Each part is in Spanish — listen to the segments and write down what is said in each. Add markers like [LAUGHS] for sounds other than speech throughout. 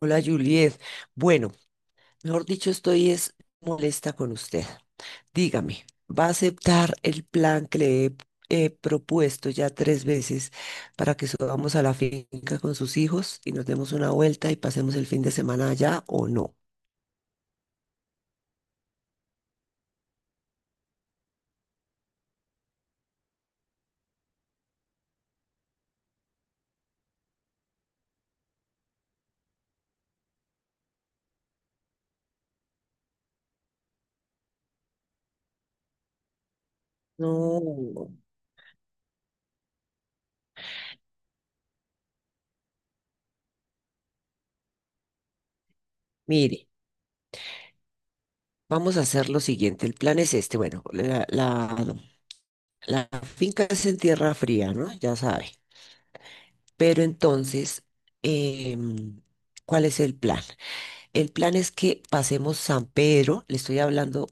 Hola, Juliet. Bueno, mejor dicho, estoy es molesta con usted. Dígame, ¿va a aceptar el plan que le he propuesto ya 3 veces para que subamos a la finca con sus hijos y nos demos una vuelta y pasemos el fin de semana allá o no? No, mire, vamos a hacer lo siguiente. El plan es este. Bueno, la finca es en tierra fría, ¿no? Ya sabe. Pero entonces, em, ¿cuál es el plan? El plan es que pasemos San Pedro, le estoy hablando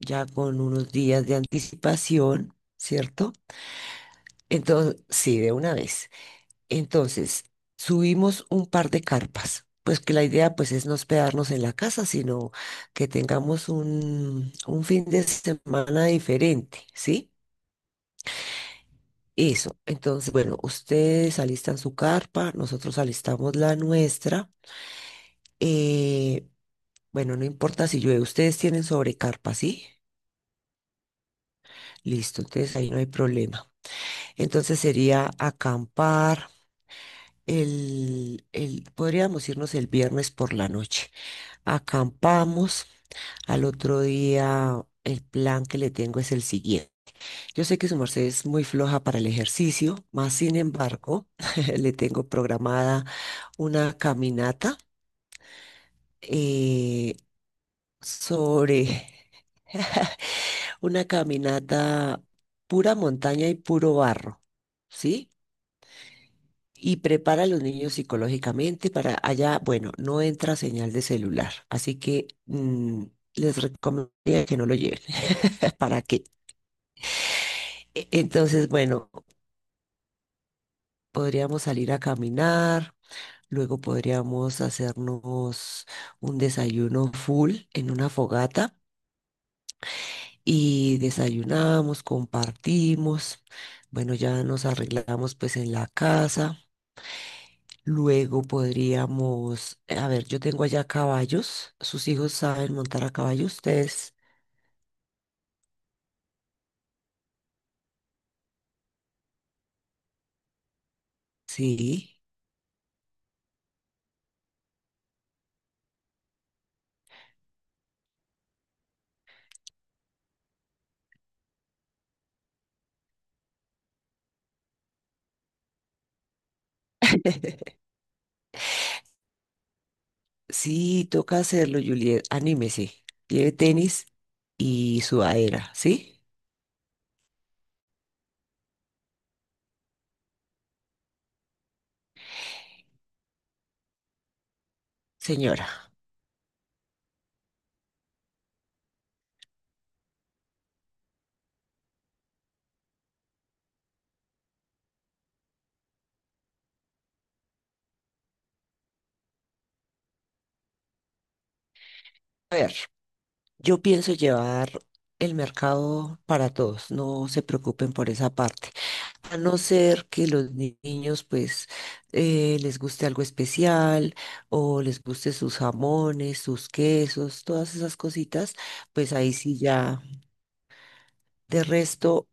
ya con unos días de anticipación, ¿cierto? Entonces, sí, de una vez. Entonces, subimos un par de carpas, pues que la idea pues es no hospedarnos en la casa, sino que tengamos un fin de semana diferente, ¿sí? Eso. Entonces, bueno, ustedes alistan su carpa, nosotros alistamos la nuestra. Eh, bueno, no importa si llueve, ustedes tienen sobrecarpa, ¿sí? Listo, entonces ahí no hay problema. Entonces sería acampar podríamos irnos el viernes por la noche. Acampamos. Al otro día, el plan que le tengo es el siguiente. Yo sé que su merced es muy floja para el ejercicio, más sin embargo, [LAUGHS] le tengo programada una caminata eh, sobre una caminata pura montaña y puro barro, ¿sí? Y prepara a los niños psicológicamente para allá, bueno, no entra señal de celular, así que les recomendaría que no lo lleven. [LAUGHS] ¿Para qué? Entonces, bueno, podríamos salir a caminar, luego podríamos hacernos un desayuno full en una fogata y desayunamos, compartimos, bueno, ya nos arreglamos pues en la casa. Luego podríamos, a ver, yo tengo allá caballos. ¿Sus hijos saben montar a caballo ustedes? Sí. [LAUGHS] Sí, toca hacerlo, Juliet. Anímese. Lleve tenis y sudadera, ¿sí? Señora. A ver. Yo pienso llevar el mercado para todos, no se preocupen por esa parte. A no ser que los niños pues les guste algo especial o les guste sus jamones, sus quesos, todas esas cositas, pues ahí sí ya. De resto,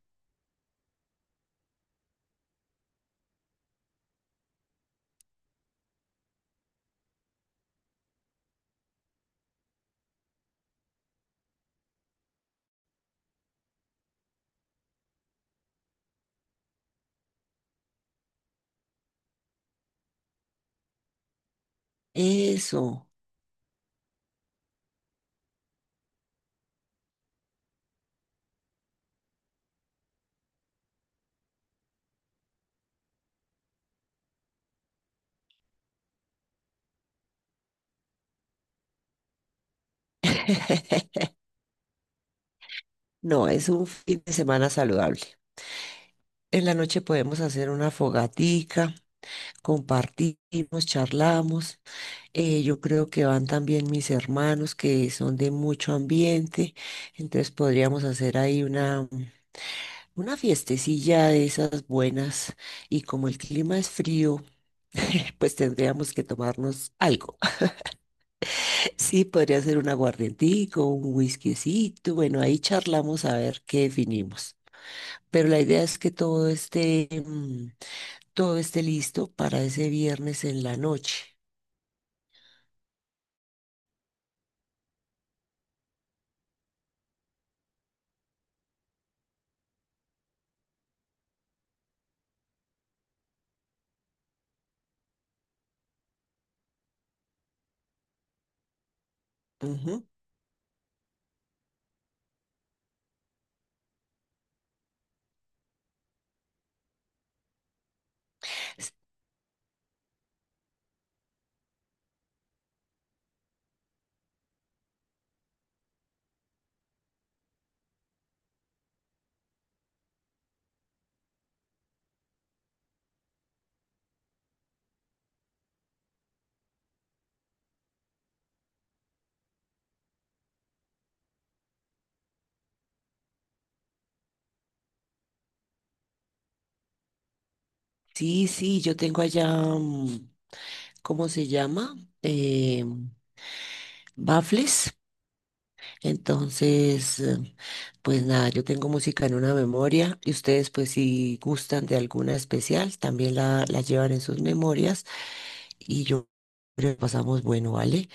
eso. [LAUGHS] No, es un fin de semana saludable. En la noche podemos hacer una fogatica, compartimos, charlamos. Yo creo que van también mis hermanos que son de mucho ambiente, entonces podríamos hacer ahí una fiestecilla de esas buenas y como el clima es frío, pues tendríamos que tomarnos algo. [LAUGHS] Sí, podría ser un aguardientico, un whiskycito, bueno, ahí charlamos a ver qué definimos. Pero la idea es que todo esté listo para ese viernes en la noche. Ujú. S- Sí, sí, yo tengo allá, ¿cómo se llama? Eh, bafles. Entonces, pues nada, yo tengo música en una memoria y ustedes pues si gustan de alguna especial, también la llevan en sus memorias y yo creo que pasamos bueno, ¿vale?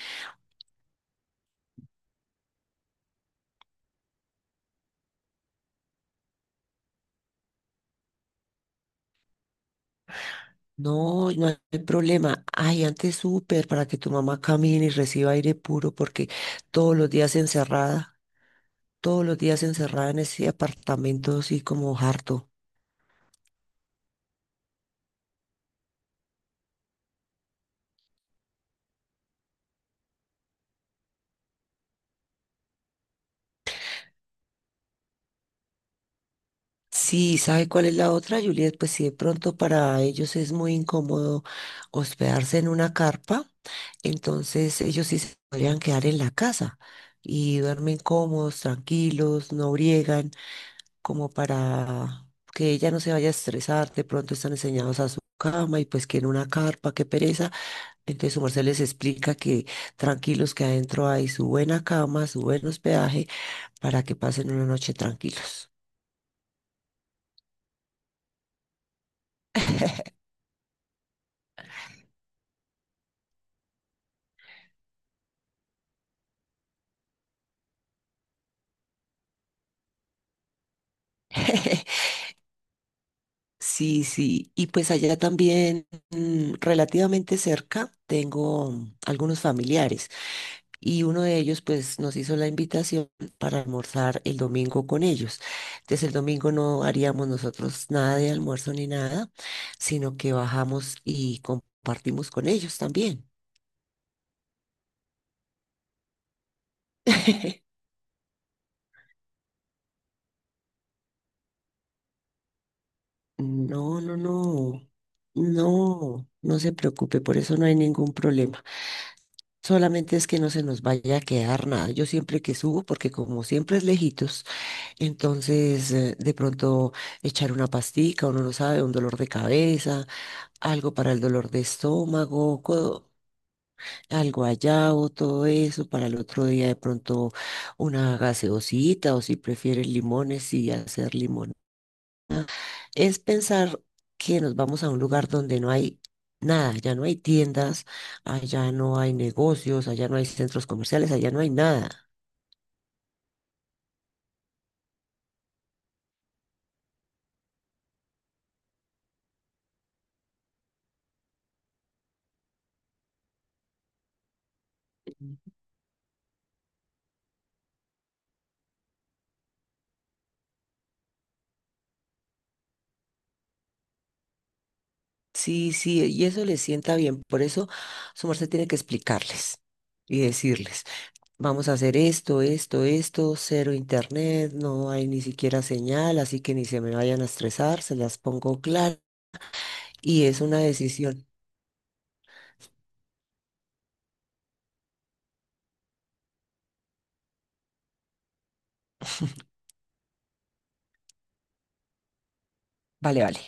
No, no hay problema. Ay, antes súper para que tu mamá camine y reciba aire puro porque todos los días encerrada, todos los días encerrada en ese apartamento así como harto. Sí, ¿sabe cuál es la otra, Juliet? Pues si de pronto para ellos es muy incómodo hospedarse en una carpa, entonces ellos sí se podrían quedar en la casa y duermen cómodos, tranquilos, no briegan, como para que ella no se vaya a estresar. De pronto están enseñados a su cama y pues quieren una carpa, qué pereza. Entonces su merced les explica que tranquilos que adentro hay su buena cama, su buen hospedaje para que pasen una noche tranquilos. [LAUGHS] Sí, sí, y pues allá también relativamente cerca tengo algunos familiares. Y uno de ellos pues nos hizo la invitación para almorzar el domingo con ellos. Entonces el domingo no haríamos nosotros nada de almuerzo ni nada, sino que bajamos y compartimos con ellos también. [LAUGHS] No, no, no, no, no se preocupe, por eso no hay ningún problema. Solamente es que no se nos vaya a quedar nada. Yo siempre que subo, porque como siempre es lejitos, entonces de pronto echar una pastica, uno no sabe, un dolor de cabeza algo para el dolor de estómago, algo allá o todo eso, para el otro día de pronto una gaseosita o si prefieres limones y hacer limón. Es pensar que nos vamos a un lugar donde no hay nada, ya no hay tiendas, allá no hay negocios, allá no hay centros comerciales, allá no hay nada. Sí, sí, y eso les sienta bien, por eso su merced tiene que explicarles y decirles. Vamos a hacer esto, esto, esto, cero internet, no hay ni siquiera señal, así que ni se me vayan a estresar, se las pongo claras y es una decisión. Vale, vale.